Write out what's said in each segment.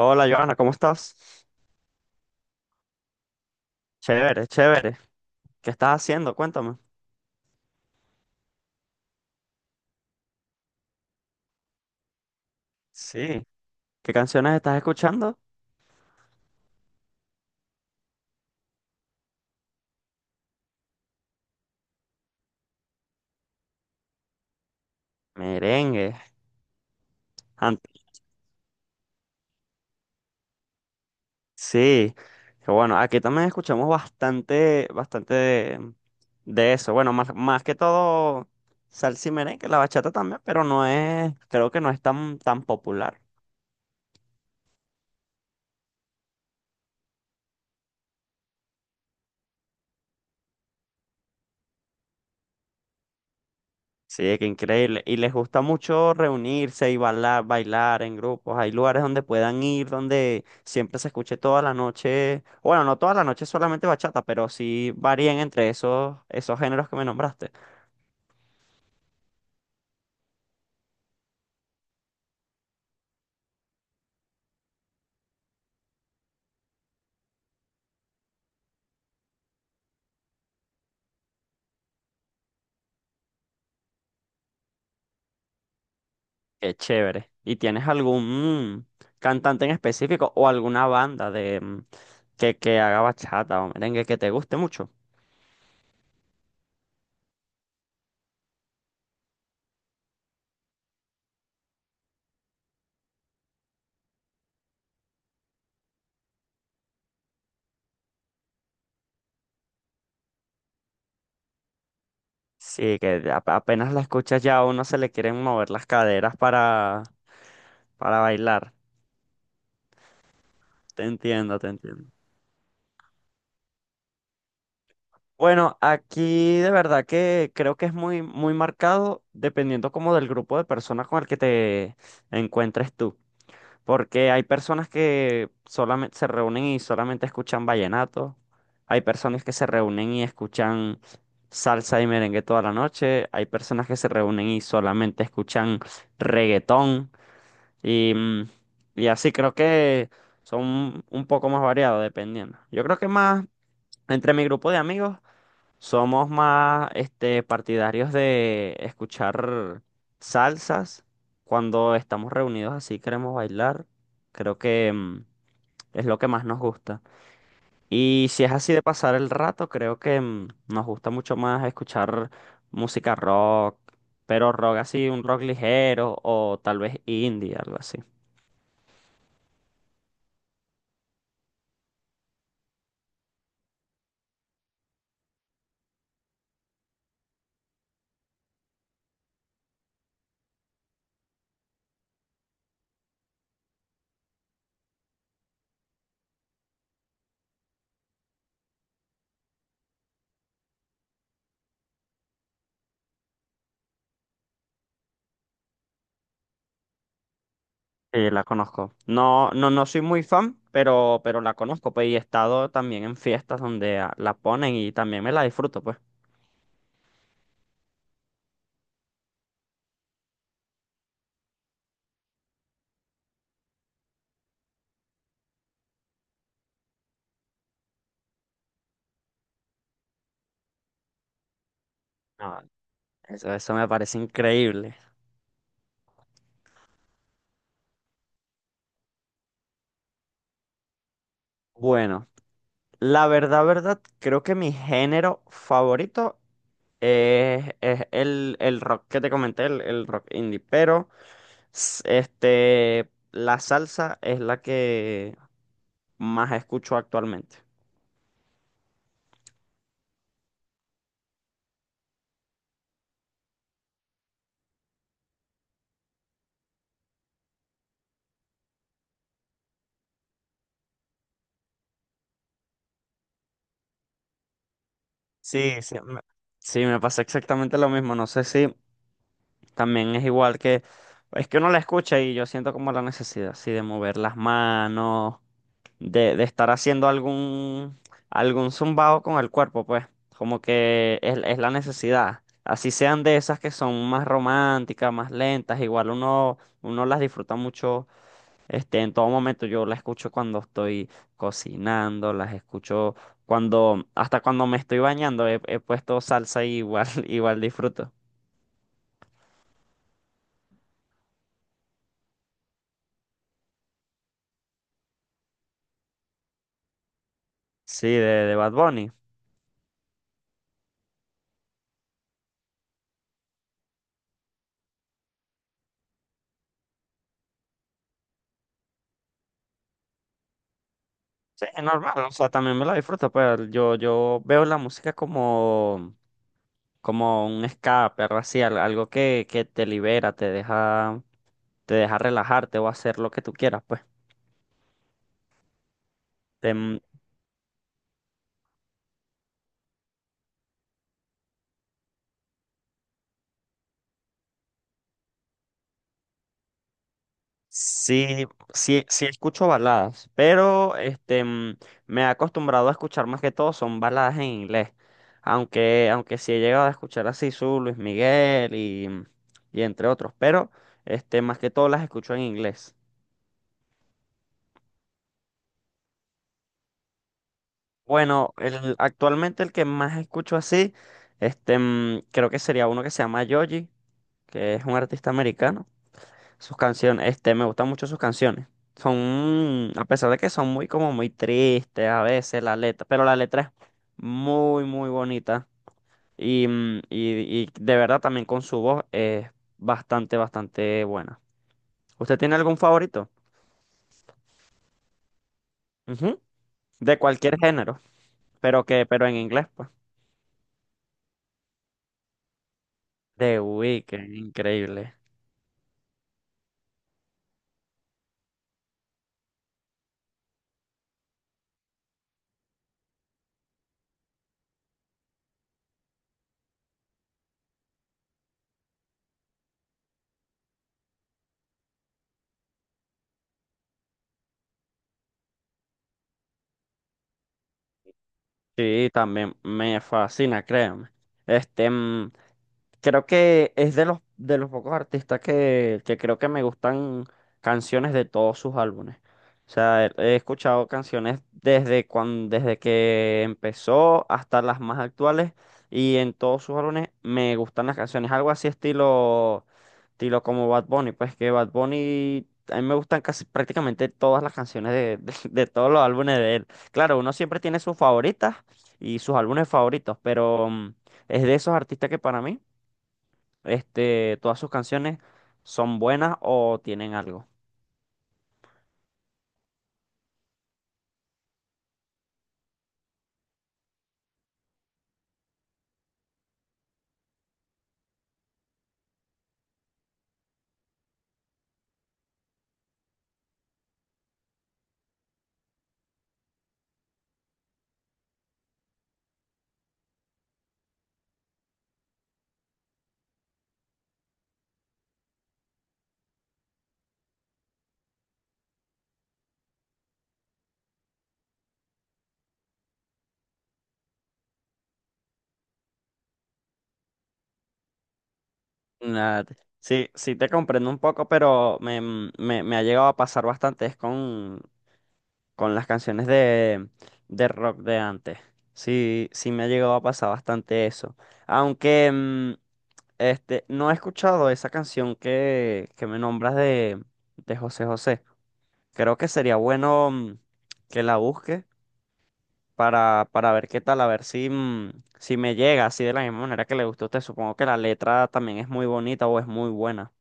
Hola, Joana, ¿cómo estás? Chévere, chévere. ¿Qué estás haciendo? Cuéntame. Sí. ¿Qué canciones estás escuchando? Merengue. Ant- Sí. Que bueno, aquí también escuchamos bastante, bastante de eso. Bueno, más, más que todo salsa y merengue, la bachata también, pero no es, creo que no es tan popular. Sí, qué increíble. Y les gusta mucho reunirse y bailar en grupos. Hay lugares donde puedan ir, donde siempre se escuche toda la noche. Bueno, no toda la noche solamente bachata, pero sí varían entre esos géneros que me nombraste. Qué chévere. ¿Y tienes algún cantante en específico o alguna banda de que haga bachata o merengue que te guste mucho? Sí, apenas la escuchas ya a uno se le quieren mover las caderas para bailar. Te entiendo, te entiendo. Bueno, aquí de verdad que creo que es muy marcado dependiendo como del grupo de personas con el que te encuentres tú. Porque hay personas que solamente se reúnen y solamente escuchan vallenato. Hay personas que se reúnen y escuchan salsa y merengue toda la noche. Hay personas que se reúnen y solamente escuchan reggaetón. Y, mm, y así creo que son un poco más variados dependiendo. Yo creo que más entre mi grupo de amigos. Somos más este, partidarios de escuchar salsas cuando estamos reunidos así, queremos bailar. Creo que es lo que más nos gusta. Y si es así de pasar el rato, creo que nos gusta mucho más escuchar música rock, pero rock así, un rock ligero o tal vez indie, algo así. Sí, la conozco. No soy muy fan, pero la conozco, pues, y he estado también en fiestas donde la ponen y también me la disfruto, pues. No, eso me parece increíble. Bueno, la verdad, creo que mi género favorito el rock que te comenté, el rock indie, pero este, la salsa es la que más escucho actualmente. Sí, sí, me, sí, me pasa exactamente lo mismo. No sé si también es igual es que uno la escucha y yo siento como la necesidad, sí, de mover las manos. De estar haciendo algún zumbado con el cuerpo, pues, como que es la necesidad. Así sean de esas que son más románticas, más lentas, igual uno las disfruta mucho, este, en todo momento. Yo las escucho cuando estoy cocinando, las escucho cuando, hasta cuando me estoy bañando, he puesto salsa y igual, igual disfruto. Sí, de Bad Bunny. Sí, es normal, o sea, también me la disfruto, pero yo veo la música como como un escape, algo así, algo que te libera, te deja relajarte o hacer lo que tú quieras, pues. Em, sí, sí escucho baladas, pero este, me he acostumbrado a escuchar más que todo son baladas en inglés, aunque sí he llegado a escuchar así su Luis Miguel y, y entre otros, pero este, más que todo las escucho en inglés. Bueno, actualmente el que más escucho así, este, creo que sería uno que se llama Yoji que es un artista americano. Sus canciones, este, me gustan mucho sus canciones. Son, a pesar de que son muy como muy tristes a veces la letra, pero la letra es muy bonita. Y de verdad también con su voz es bastante buena. ¿Usted tiene algún favorito? Ujú. De cualquier género, pero en inglés, pues. The Weeknd, increíble. Sí, también me fascina, créanme. Este, mm, Creo que es de de los pocos artistas que creo que me gustan canciones de todos sus álbumes. O sea, he escuchado canciones desde que empezó hasta las más actuales y en todos sus álbumes me gustan las canciones. Algo así estilo como Bad Bunny. Pues que Bad Bunny, a mí me gustan casi prácticamente todas las canciones de todos los álbumes de él. Claro, uno siempre tiene sus favoritas y sus álbumes favoritos, pero es de esos artistas que para mí... Este, todas sus canciones son buenas o tienen algo. Nada, te- sí, sí te comprendo un poco, pero me ha llegado a pasar bastante es con las canciones de rock de antes. Sí, sí me ha llegado a pasar bastante eso. Aunque este, no he escuchado esa canción que me nombras de José José. Creo que sería bueno que la busques para ver qué tal, a ver si, si me llega así de la misma manera que le gustó a usted. Supongo que la letra también es muy bonita o es muy buena.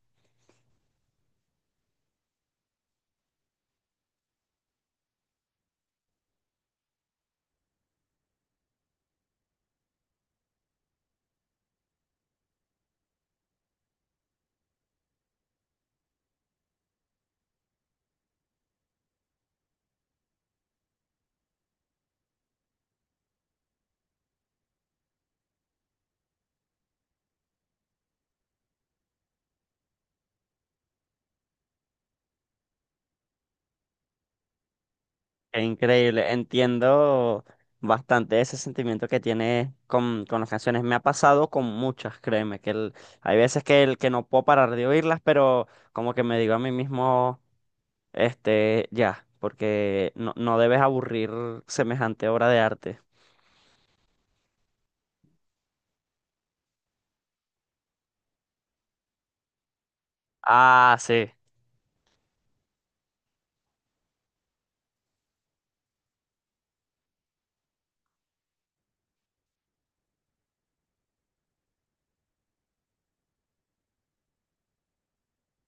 Es increíble, entiendo bastante ese sentimiento que tiene con las canciones. Me ha pasado con muchas, créeme, hay veces que no puedo parar de oírlas, pero como que me digo a mí mismo, este, ya, porque no debes aburrir semejante obra de arte. Ah, sí.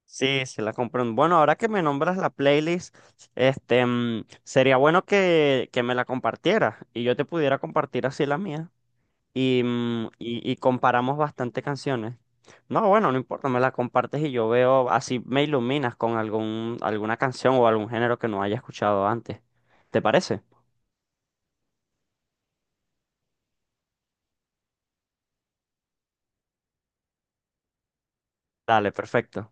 Sí, sí la compré. Bueno, ahora que me nombras la playlist, este, sería bueno que me la compartieras y yo te pudiera compartir así la mía y comparamos bastante canciones. No, bueno, no importa, me la compartes y yo veo, así me iluminas con algún, alguna canción o algún género que no haya escuchado antes. ¿Te parece? Dale, perfecto.